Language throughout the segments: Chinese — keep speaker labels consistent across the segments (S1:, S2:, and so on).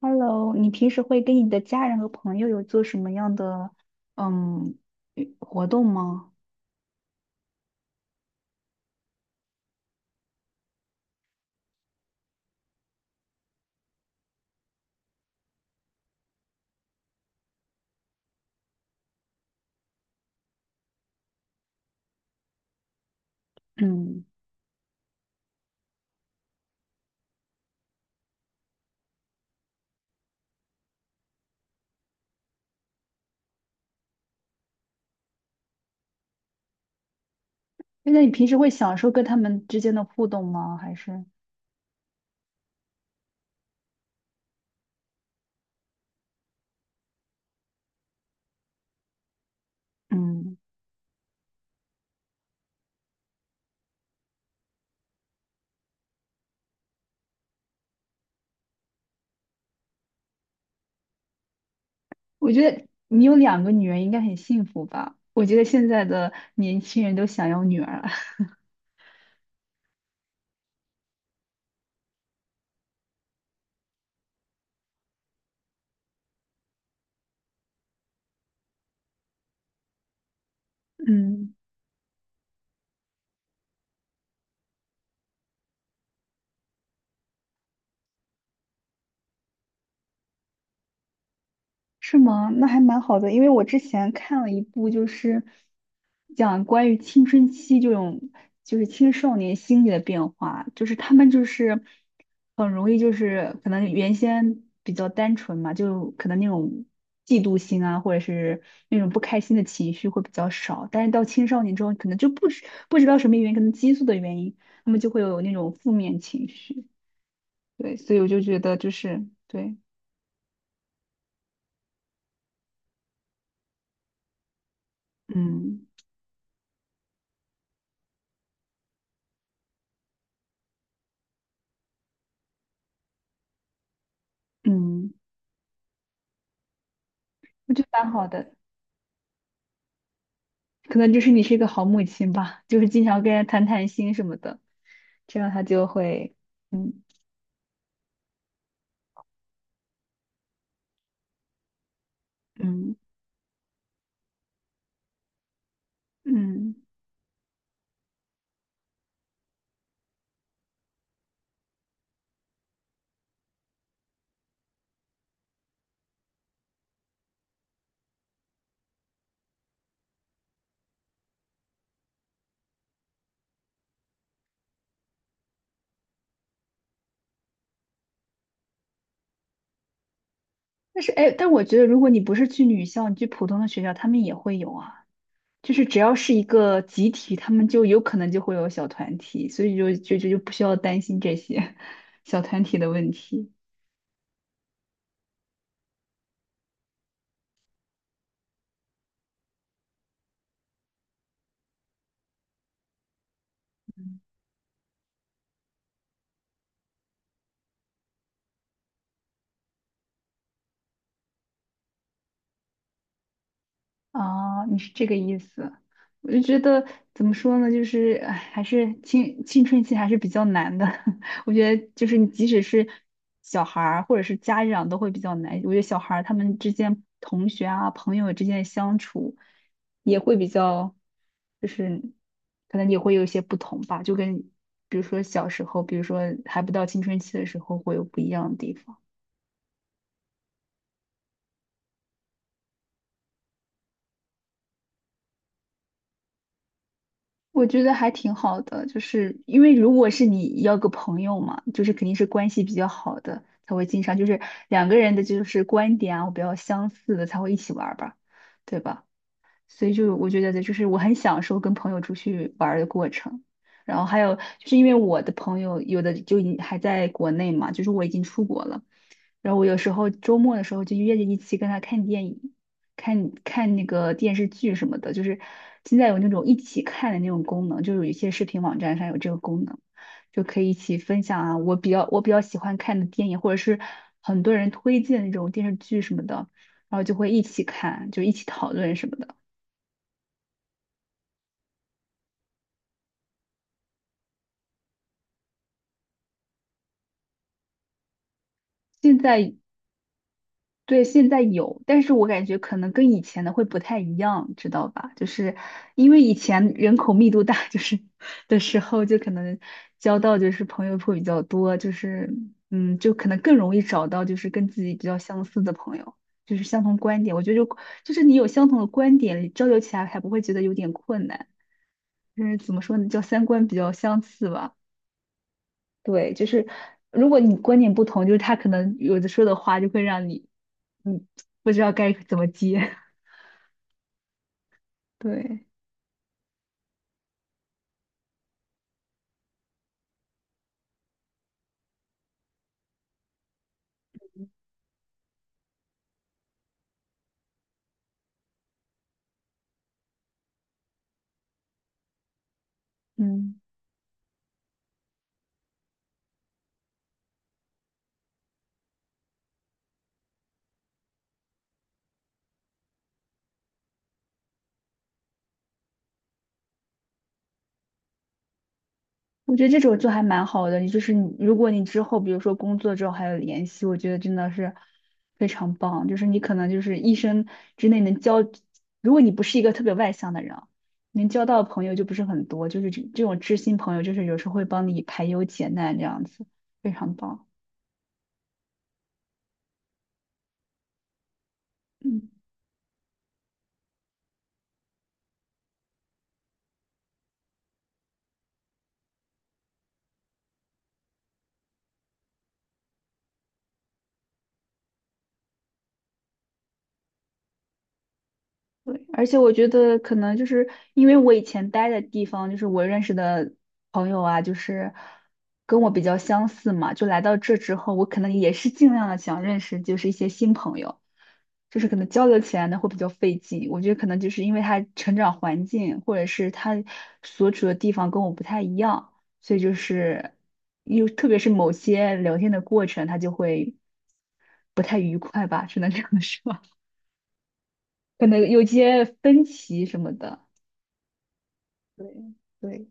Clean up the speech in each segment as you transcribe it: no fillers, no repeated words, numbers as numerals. S1: Hello，你平时会跟你的家人和朋友有做什么样的嗯与活动吗？嗯，那你平时会享受跟他们之间的互动吗？还是嗯，我觉得你有两个女儿应该很幸福吧？我觉得现在的年轻人都想要女儿。嗯。是吗？那还蛮好的，因为我之前看了一部，就是讲关于青春期这种，就是青少年心理的变化，就是他们就是很容易就是可能原先比较单纯嘛，就可能那种嫉妒心啊，或者是那种不开心的情绪会比较少，但是到青少年之后，可能就不知道什么原因，可能激素的原因，他们就会有那种负面情绪。对，所以我就觉得就是对，嗯嗯，我觉得蛮好的。可能就是你是一个好母亲吧，就是经常跟人谈谈心什么的，这样他就会，嗯嗯嗯。但是哎，但我觉得如果你不是去女校，你去普通的学校，他们也会有啊。就是只要是一个集体，他们就有可能就会有小团体，所以就不需要担心这些 小团体的问题。哦，你是这个意思，我就觉得怎么说呢，就是唉还是青春期还是比较难的。我觉得就是你即使是小孩儿或者是家长都会比较难。我觉得小孩儿他们之间同学啊朋友之间的相处也会比较，就是可能也会有一些不同吧，就跟比如说小时候，比如说还不到青春期的时候会有不一样的地方。我觉得还挺好的，就是因为如果是你要个朋友嘛，就是肯定是关系比较好的才会经常，就是两个人的就是观点啊比较相似的才会一起玩儿吧，对吧？所以就我觉得就是我很享受跟朋友出去玩儿的过程。然后还有就是因为我的朋友有的就已还在国内嘛，就是我已经出国了，然后我有时候周末的时候就约着一起跟他看电影，看看那个电视剧什么的，就是现在有那种一起看的那种功能，就是有一些视频网站上有这个功能，就可以一起分享啊，我比较我比较喜欢看的电影，或者是很多人推荐的那种电视剧什么的，然后就会一起看，就一起讨论什么的。现在对现在有，但是我感觉可能跟以前的会不太一样，知道吧？就是因为以前人口密度大，就是的时候就可能交到就是朋友会比较多，就是嗯，就可能更容易找到就是跟自己比较相似的朋友，就是相同观点。我觉得就是你有相同的观点，交流起来还不会觉得有点困难，就是怎么说呢，叫三观比较相似吧。对，就是如果你观点不同，就是他可能有的说的话就会让你，嗯，不知道该怎么接。对，嗯，我觉得这种就还蛮好的。你就是你，如果你之后比如说工作之后还有联系，我觉得真的是非常棒。就是你可能就是一生之内能交，如果你不是一个特别外向的人啊能交到的朋友就不是很多。就是这种知心朋友，就是有时候会帮你排忧解难这样子，非常棒。嗯。对，而且我觉得可能就是因为我以前待的地方，就是我认识的朋友啊，就是跟我比较相似嘛，就来到这之后，我可能也是尽量的想认识就是一些新朋友，就是可能交流起来呢会比较费劲。我觉得可能就是因为他成长环境或者是他所处的地方跟我不太一样，所以就是又特别是某些聊天的过程，他就会不太愉快吧，只能这样说，可能有些分歧什么的。对对，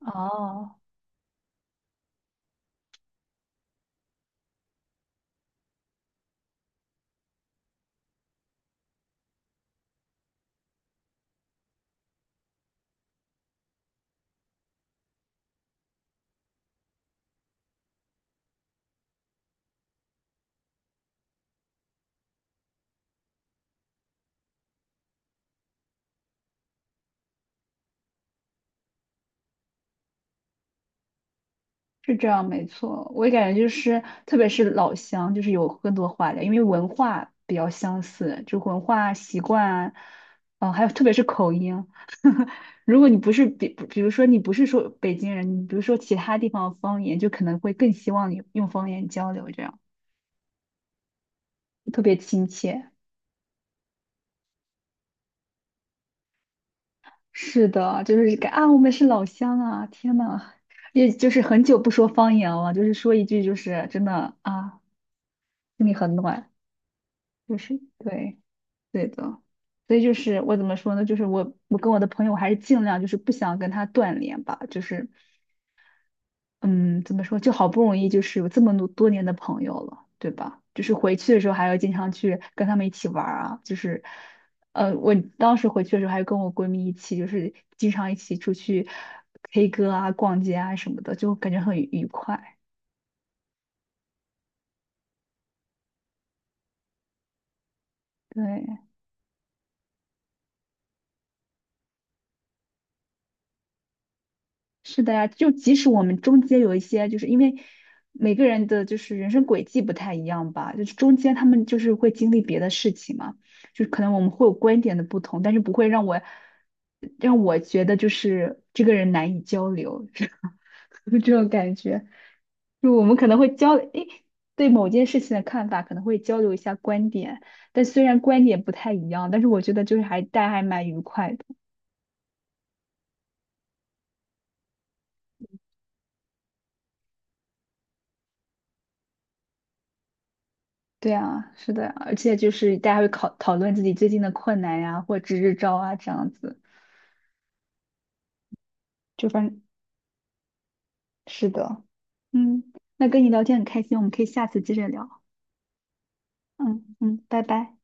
S1: 哦，是这样，没错。我也感觉就是，特别是老乡，就是有更多话聊，因为文化比较相似，就文化习惯啊，还有特别是口音。如果你不是比如说你不是说北京人，你比如说其他地方的方言，就可能会更希望你用方言交流，这样特别亲切。是的，就是感啊，我们是老乡啊！天呐，也就是很久不说方言了，就是说一句，就是真的啊，心里很暖。就是对，对的，所以就是我怎么说呢？就是我跟我的朋友还是尽量就是不想跟他断联吧，就是嗯，怎么说？就好不容易就是有这么多年的朋友了，对吧？就是回去的时候还要经常去跟他们一起玩儿啊，就是我当时回去的时候还跟我闺蜜一起，就是经常一起出去 K 歌啊、逛街啊什么的，就感觉很愉快。对，是的呀，就即使我们中间有一些，就是因为每个人的就是人生轨迹不太一样吧，就是中间他们就是会经历别的事情嘛，就是可能我们会有观点的不同，但是不会让我觉得就是这个人难以交流，这种感觉，就我们可能诶，对某件事情的看法可能会交流一下观点，但虽然观点不太一样，但是我觉得就是还大家还蛮愉快的。对啊，是的呀而且就是大家会考讨论自己最近的困难呀，或支支招啊，这样子，就反正是的，嗯，那跟你聊天很开心，我们可以下次接着聊，嗯嗯，拜拜。